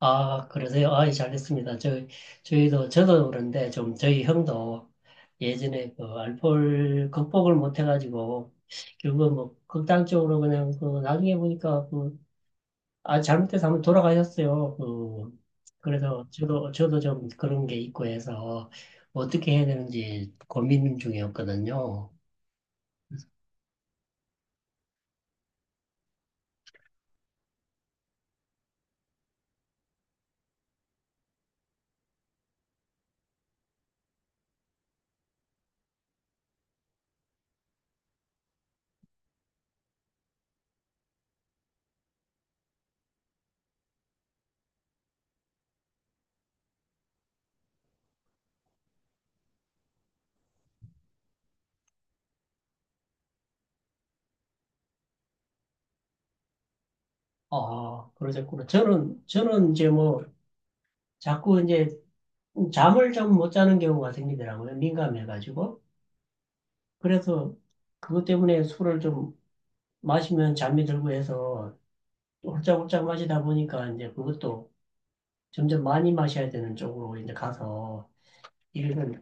아, 그러세요? 아, 예, 잘했습니다. 저희도, 저도 그런데 좀 저희 형도 예전에 그 알코올 극복을 못 해가지고 결국은 뭐 극단적으로 그냥 그 나중에 보니까 그, 아, 잘못해서 한번 돌아가셨어요. 그, 그래서 저도 좀 그런 게 있고 해서 어떻게 해야 되는지 고민 중이었거든요. 아, 그러셨구나. 저는 이제 뭐 자꾸 이제 잠을 좀 못 자는 경우가 생기더라고요. 민감해가지고. 그래서 그것 때문에 술을 좀 마시면 잠이 들고 해서 홀짝홀짝 마시다 보니까 이제 그것도 점점 많이 마셔야 되는 쪽으로 이제 가서 이게 좀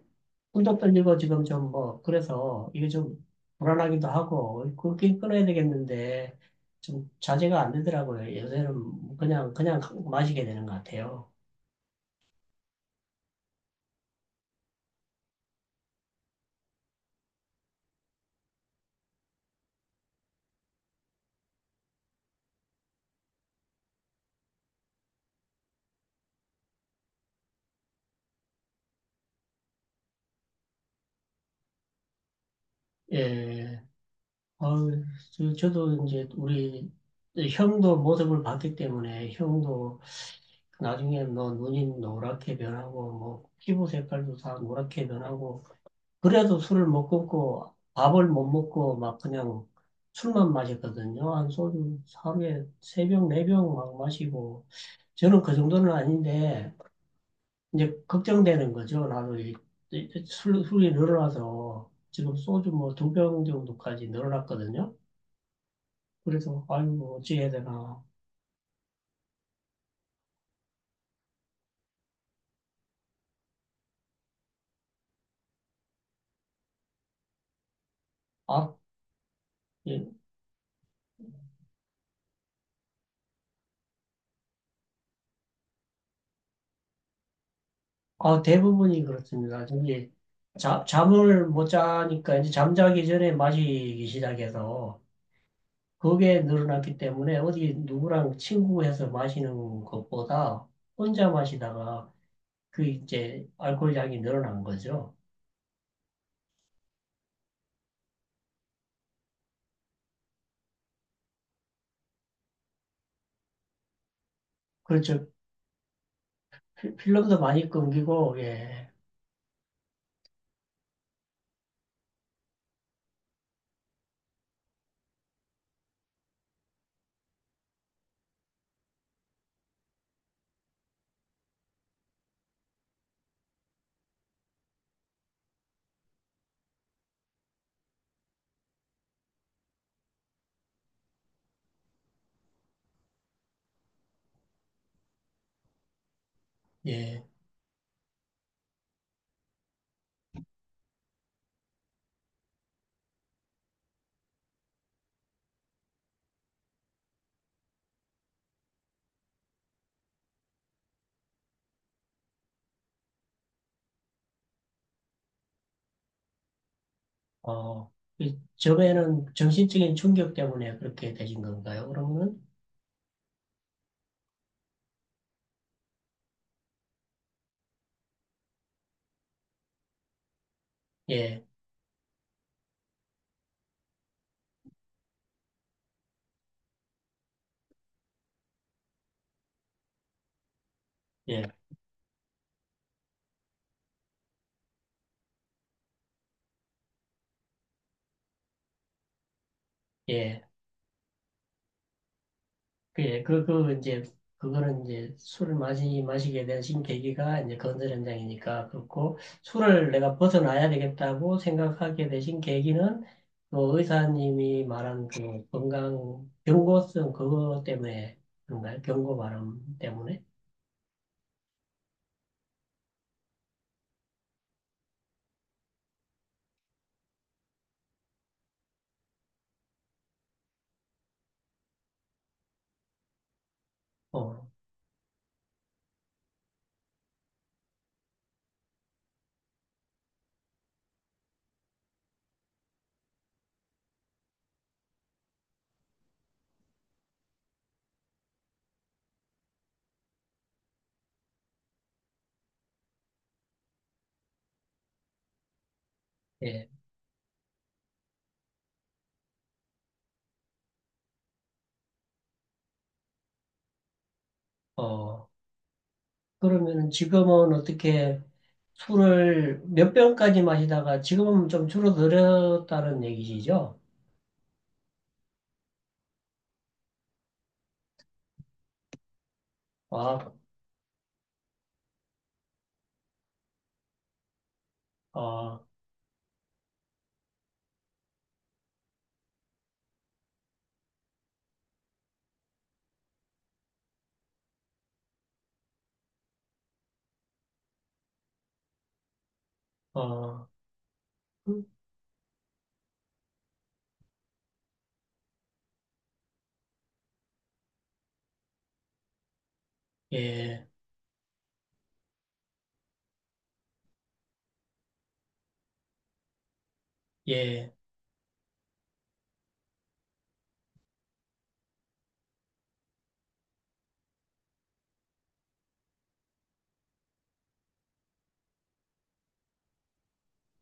꿈도 떨리고 지금 좀 뭐 그래서 이게 좀 불안하기도 하고 그렇게 끊어야 되겠는데 좀 자제가 안 되더라고요. 요새는 그냥 그냥 마시게 되는 것 같아요. 예. 어 저, 저도 이제 우리 형도 모습을 봤기 때문에 형도 나중에 뭐 눈이 노랗게 변하고 뭐 피부 색깔도 다 노랗게 변하고 그래도 술을 못 끊고 밥을 못 먹고 막 그냥 술만 마셨거든요. 한 소주 하루에 세 병, 네 병 막 마시고 저는 그 정도는 아닌데 이제 걱정되는 거죠. 나도 이 술이 늘어나서 지금 소주 뭐 두 병 정도까지 늘어났거든요. 그래서 아이고 어찌 해야 되나. 아, 예, 어, 대부분이 그렇습니다. 이제 잠을 못 자니까 이제 잠자기 전에 마시기 시작해서 그게 늘어났기 때문에 어디 누구랑 친구해서 마시는 것보다 혼자 마시다가 그 이제 알코올 양이 늘어난 거죠. 그렇죠. 필름도 많이 끊기고, 예, 예, 어, 이 점에는 정신적인 충격 때문에 그렇게 되신 건가요? 그러면은, 예, 예, 예. 예, 그, 그, 이제, 그거는 이제 술을 마시게 되신 계기가 이제 건설 현장이니까 그렇고, 술을 내가 벗어나야 되겠다고 생각하게 되신 계기는 그 의사님이 말한 그 건강, 경고성 그거 때문에 그런가요? 경고 발람 때문에? 어, 예, 어. 그러면은 지금은 어떻게 술을 몇 병까지 마시다가 지금은 좀 줄어들었다는 얘기시죠? 아, 어, 어, 예. 예,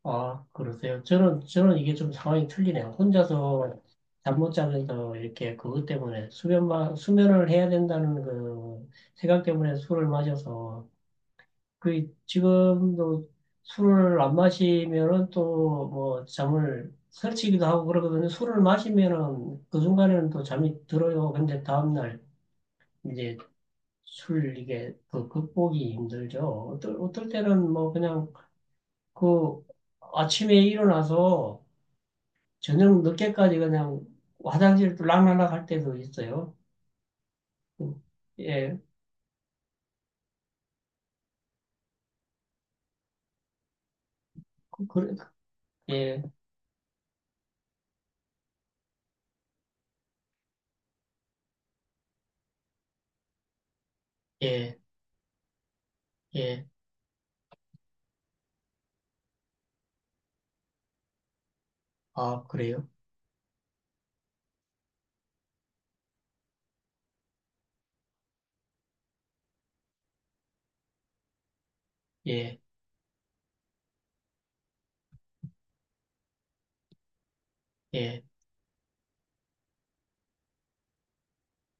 아, 그러세요. 저는 이게 좀 상황이 틀리네요. 혼자서 잠 못 자면서 이렇게 그것 때문에 수면을 해야 된다는 그 생각 때문에 술을 마셔서 그 지금도 술을 안 마시면은 또 뭐 잠을 설치기도 하고 그러거든요. 술을 마시면은 그 순간에는 또 잠이 들어요. 근데 다음날 이제 술 이게 그 극복이 힘들죠. 어떨 때는 뭐 그냥 그 아침에 일어나서 저녁 늦게까지 그냥 화장실 락날락 할 때도 있어요. 음, 예, 그, 그- 예, 예, 예, 아, 그래요? 예, 예,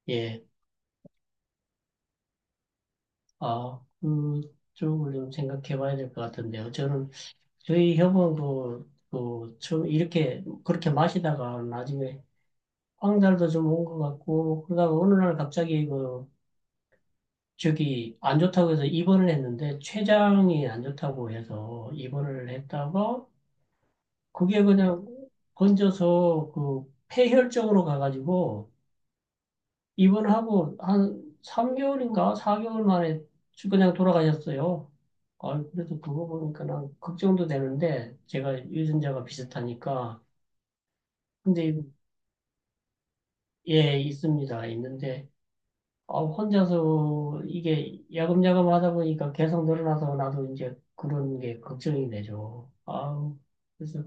예, 아, 그쪽을 좀 생각해 봐야 될 것 같은데요. 저는 저희 협원도 그, 그 처음 이렇게, 그렇게 마시다가 나중에 황달도 좀 온 것 같고, 그러다가 어느 날 갑자기 그, 저기 안 좋다고 해서 입원을 했는데, 췌장이 안 좋다고 해서 입원을 했다가, 그게 그냥 건져서 그 폐혈증으로 가가지고 입원하고 한 3개월인가 4개월 만에 그냥 돌아가셨어요. 아, 그래도 그거 보니까 난 걱정도 되는데 제가 유전자가 비슷하니까. 근데 예, 있습니다. 있는데 아, 혼자서 이게 야금야금 하다 보니까 계속 늘어나서 나도 이제 그런 게 걱정이 되죠. 아 그래서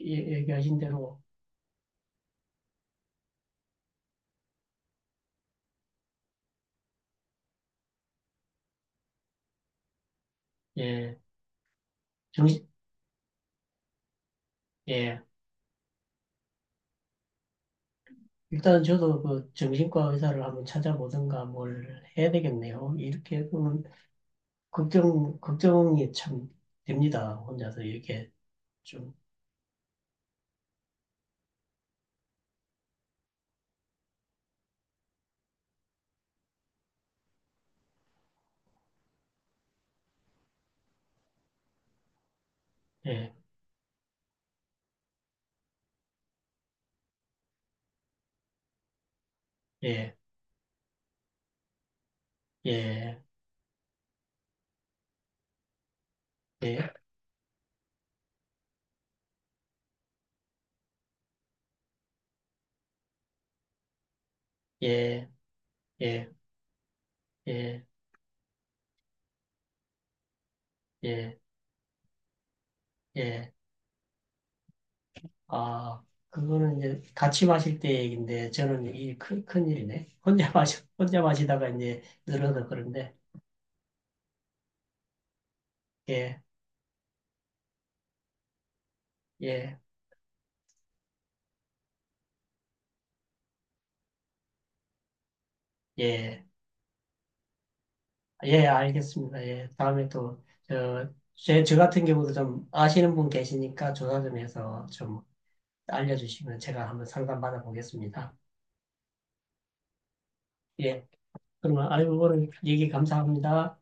예, 얘기하신 대로 예, 정신 예. 일단은 저도 그 정신과 의사를 한번 찾아보든가 뭘 해야 되겠네요. 이렇게 보면 걱정이 참 됩니다. 혼자서 이렇게 좀, 예, 예, 예, 예, 예, 예, 예, 예, 예. 아, 그거는 이제 같이 마실 때 얘기인데 저는 이 큰일이네. 혼자 마시다가 이제 늘어서 그런데, 예, 예, 예. 예, 알겠습니다. 예, 다음에 또, 저 같은 경우도 좀 아시는 분 계시니까 조사 좀 해서 좀 알려주시면 제가 한번 상담 받아보겠습니다. 예, 그러면 알고 보는 얘기 감사합니다.